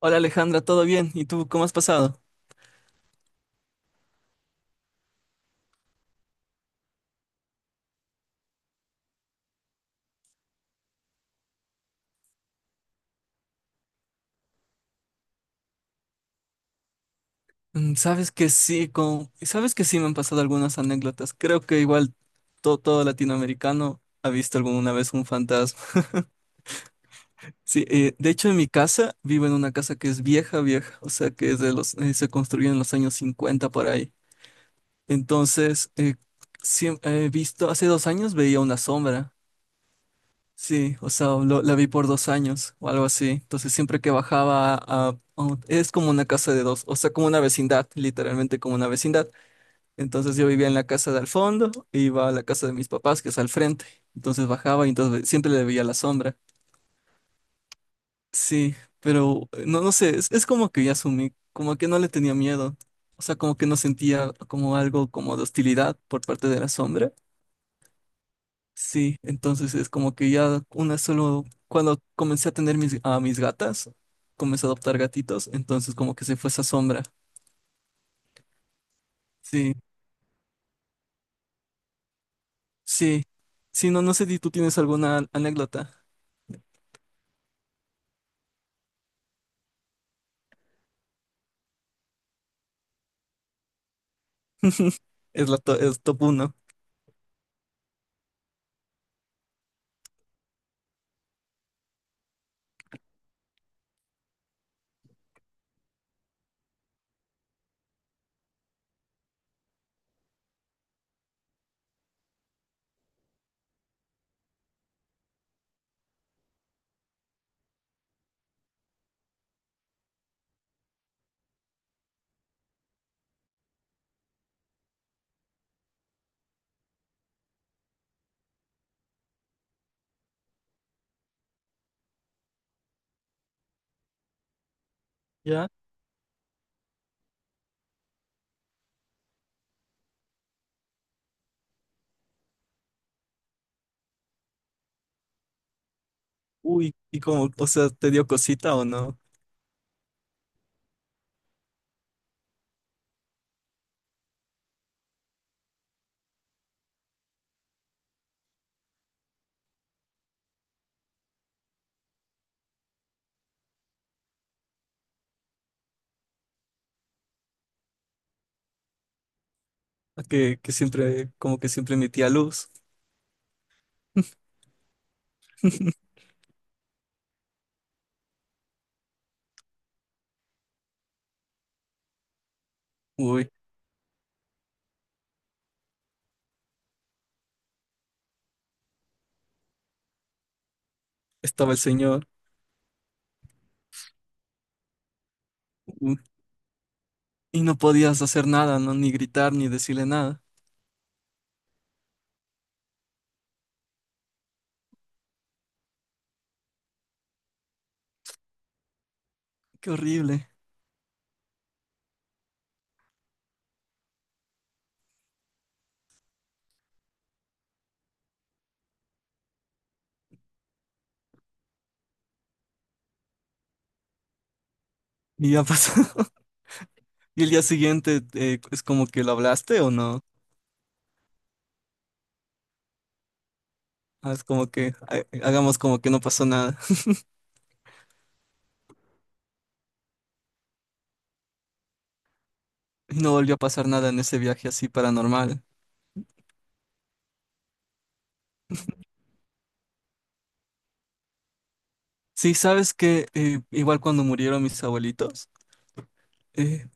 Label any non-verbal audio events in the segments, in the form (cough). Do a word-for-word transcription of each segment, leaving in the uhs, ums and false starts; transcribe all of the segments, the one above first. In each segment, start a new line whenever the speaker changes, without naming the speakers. Hola Alejandra, ¿todo bien? ¿Y tú cómo has pasado? Mm, Sabes que sí, con... sabes que sí me han pasado algunas anécdotas. Creo que igual to- todo latinoamericano ha visto alguna vez un fantasma. (laughs) Sí, eh, de hecho, en mi casa vivo en una casa que es vieja, vieja, o sea que es de los, eh, se construyó en los años cincuenta por ahí. Entonces, eh, siem- he visto, hace dos años veía una sombra. Sí, o sea, lo- la vi por dos años o algo así. Entonces, siempre que bajaba a, a- es como una casa de dos, o sea, como una vecindad, literalmente como una vecindad. Entonces yo vivía en la casa de al fondo, e iba a la casa de mis papás, que es al frente. Entonces bajaba y entonces siempre le veía la sombra. Sí, pero eh, no, no sé, es, es como que ya asumí, como que no le tenía miedo. O sea, como que no sentía como algo como de hostilidad por parte de la sombra. Sí, entonces es como que ya una solo, cuando comencé a tener mis, a mis gatas, comencé a adoptar gatitos, entonces como que se fue esa sombra. Sí, sí, sí, no, no sé si tú tienes alguna anécdota. (laughs) Es la to- es top uno, ¿ya? Uy, y como, o sea, ¿te dio cosita o no? Que, que siempre, como que siempre emitía luz. Uy, estaba el señor. Uy, y no podías hacer nada, ¿no? Ni gritar, ni decirle nada. ¡Qué horrible! Y ya (laughs) pasó. Y el día siguiente, eh, ¿es como que lo hablaste o no? Ah, es como que ah, hagamos como que no pasó nada. (laughs) ¿Y no volvió a pasar nada en ese viaje así paranormal? Sí, sabes que igual cuando murieron mis abuelitos, eh,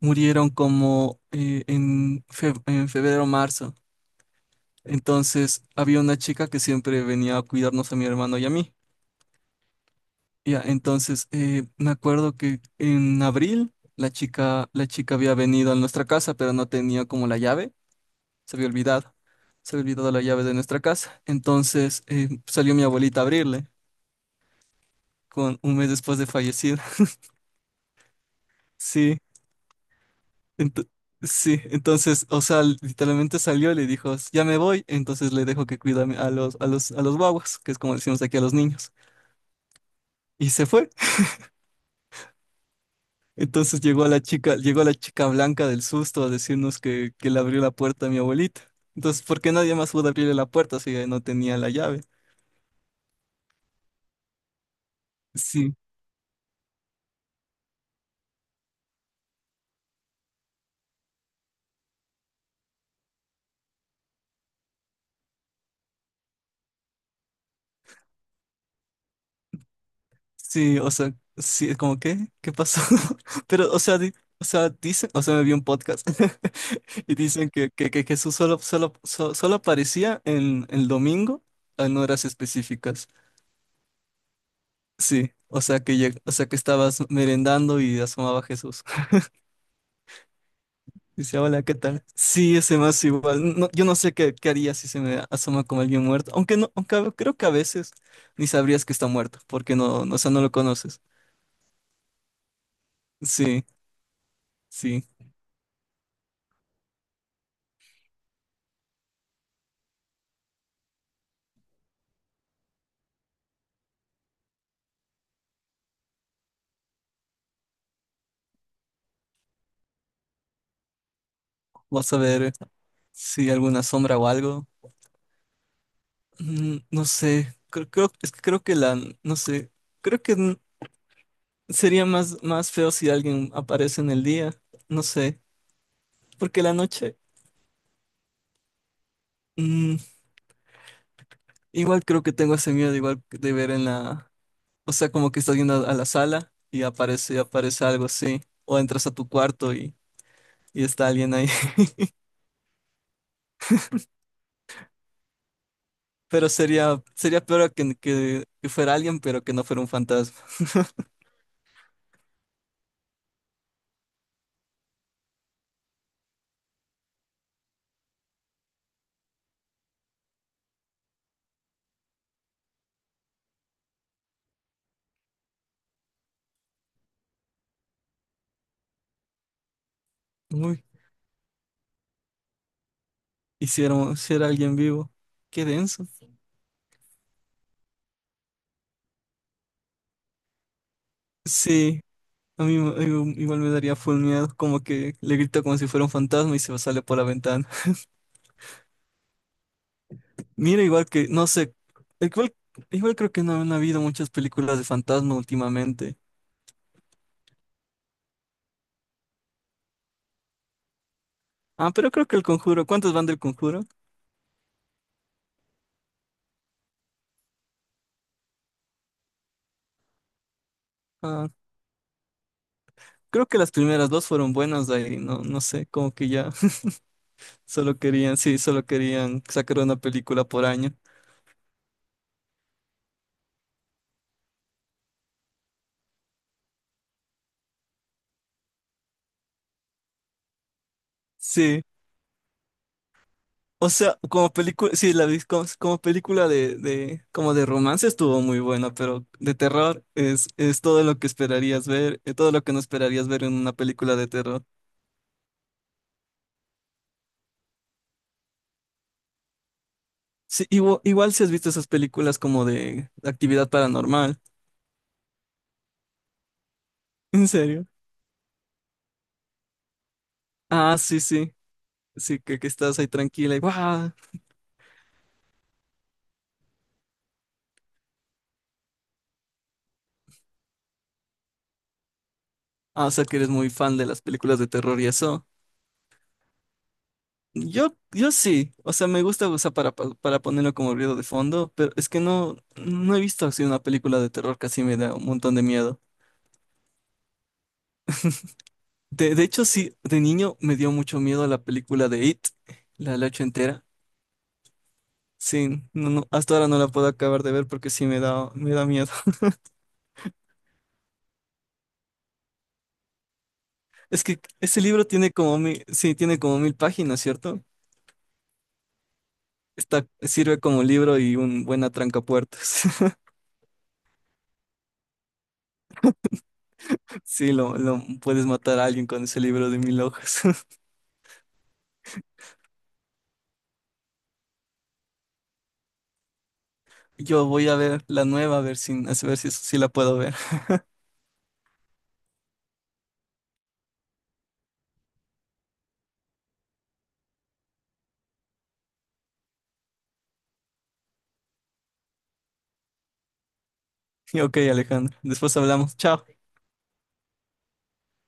murieron como eh, en, fe- en febrero o marzo. Entonces había una chica que siempre venía a cuidarnos a mi hermano y a mí. Ya, entonces eh, me acuerdo que en abril la chica, la chica había venido a nuestra casa, pero no tenía como la llave. se había olvidado, se había olvidado la llave de nuestra casa. Entonces, eh, salió mi abuelita a abrirle, con un mes después de fallecida. (laughs) Sí, ento- sí, entonces, o sea, literalmente salió y le dijo: ya me voy, entonces le dejo que cuida a mi- a los, a los, a los guaguas, que es como decimos aquí a los niños. Y se fue. Entonces llegó la chica, llegó la chica blanca del susto a decirnos que, que le abrió la puerta a mi abuelita. Entonces, ¿por qué nadie más pudo abrirle la puerta si ella no tenía la llave? Sí. Sí, o sea, sí, es como, ¿qué? ¿Qué pasó? (laughs) Pero, o sea, di- o sea, dicen, o sea, me vi un podcast (laughs) y dicen que, que, que Jesús solo, solo, so- solo aparecía en el domingo en horas específicas. Sí, o sea, que lleg- o sea, que estabas merendando y asomaba Jesús. (laughs) Dice: hola, ¿qué tal? Sí, ese más igual. No, yo no sé qué, qué haría si se me asoma como alguien muerto, aunque no, aunque a- creo que a veces ni sabrías que está muerto, porque no, no, o sea, no lo conoces. Sí, sí. Vas a ver. Sí, alguna sombra o algo. Mm, No sé, creo, creo- es que creo que la, no sé, creo que n- sería más, más feo si alguien aparece en el día, no sé, porque la noche, mm, igual creo que tengo ese miedo, igual de ver en la, o sea, como que estás yendo a la sala y aparece, aparece algo así, o entras a tu cuarto y, y está alguien ahí. (laughs) Pero sería, sería peor que, que, que fuera alguien, pero que no fuera un fantasma. Uy, hiciera, si era si era alguien vivo, qué denso. Sí, A mí me- igu- igual me daría full miedo, como que le grito como si fuera un fantasma y se sale por la ventana. (laughs) Mira, igual que, no sé, igual, igual creo que no han habido muchas películas de fantasma últimamente. Ah, pero creo que El Conjuro, ¿cuántas van del Conjuro? Ah, creo que las primeras dos fueron buenas, de ahí, no, no sé, como que ya (laughs) solo querían, sí, solo querían sacar una película por año. Sí. O sea, como película, sí, la vi como, como película de, de, como de romance estuvo muy buena, pero de terror es, es todo lo que esperarías ver, eh, todo lo que no esperarías ver en una película de terror. Sí, igual, igual si has visto esas películas como de actividad paranormal. (laughs) ¿En serio? Ah, sí, sí, sí, que, que estás ahí tranquila y ¡guau! Ah, ¿o sea que eres muy fan de las películas de terror y eso? Yo, yo sí, o sea, me gusta usar para, pa- para ponerlo como ruido de fondo, pero es que no, no he visto así una película de terror que así me da un montón de miedo. De, de hecho, sí, de niño me dio mucho miedo la película de It, la, la ocho entera. Sí, no, no, hasta ahora no la puedo acabar de ver porque sí me da, me da miedo. (laughs) Es que ese libro tiene como mil, sí, tiene como mil páginas, ¿cierto? Está, sirve como libro y un buen atrancapuertas. (laughs) Sí, lo, lo puedes matar a alguien con ese libro de mil hojas. Yo voy a ver la nueva, a ver si, a ver si, si la puedo ver. (laughs) Y ok, Alejandro, después hablamos. Chao.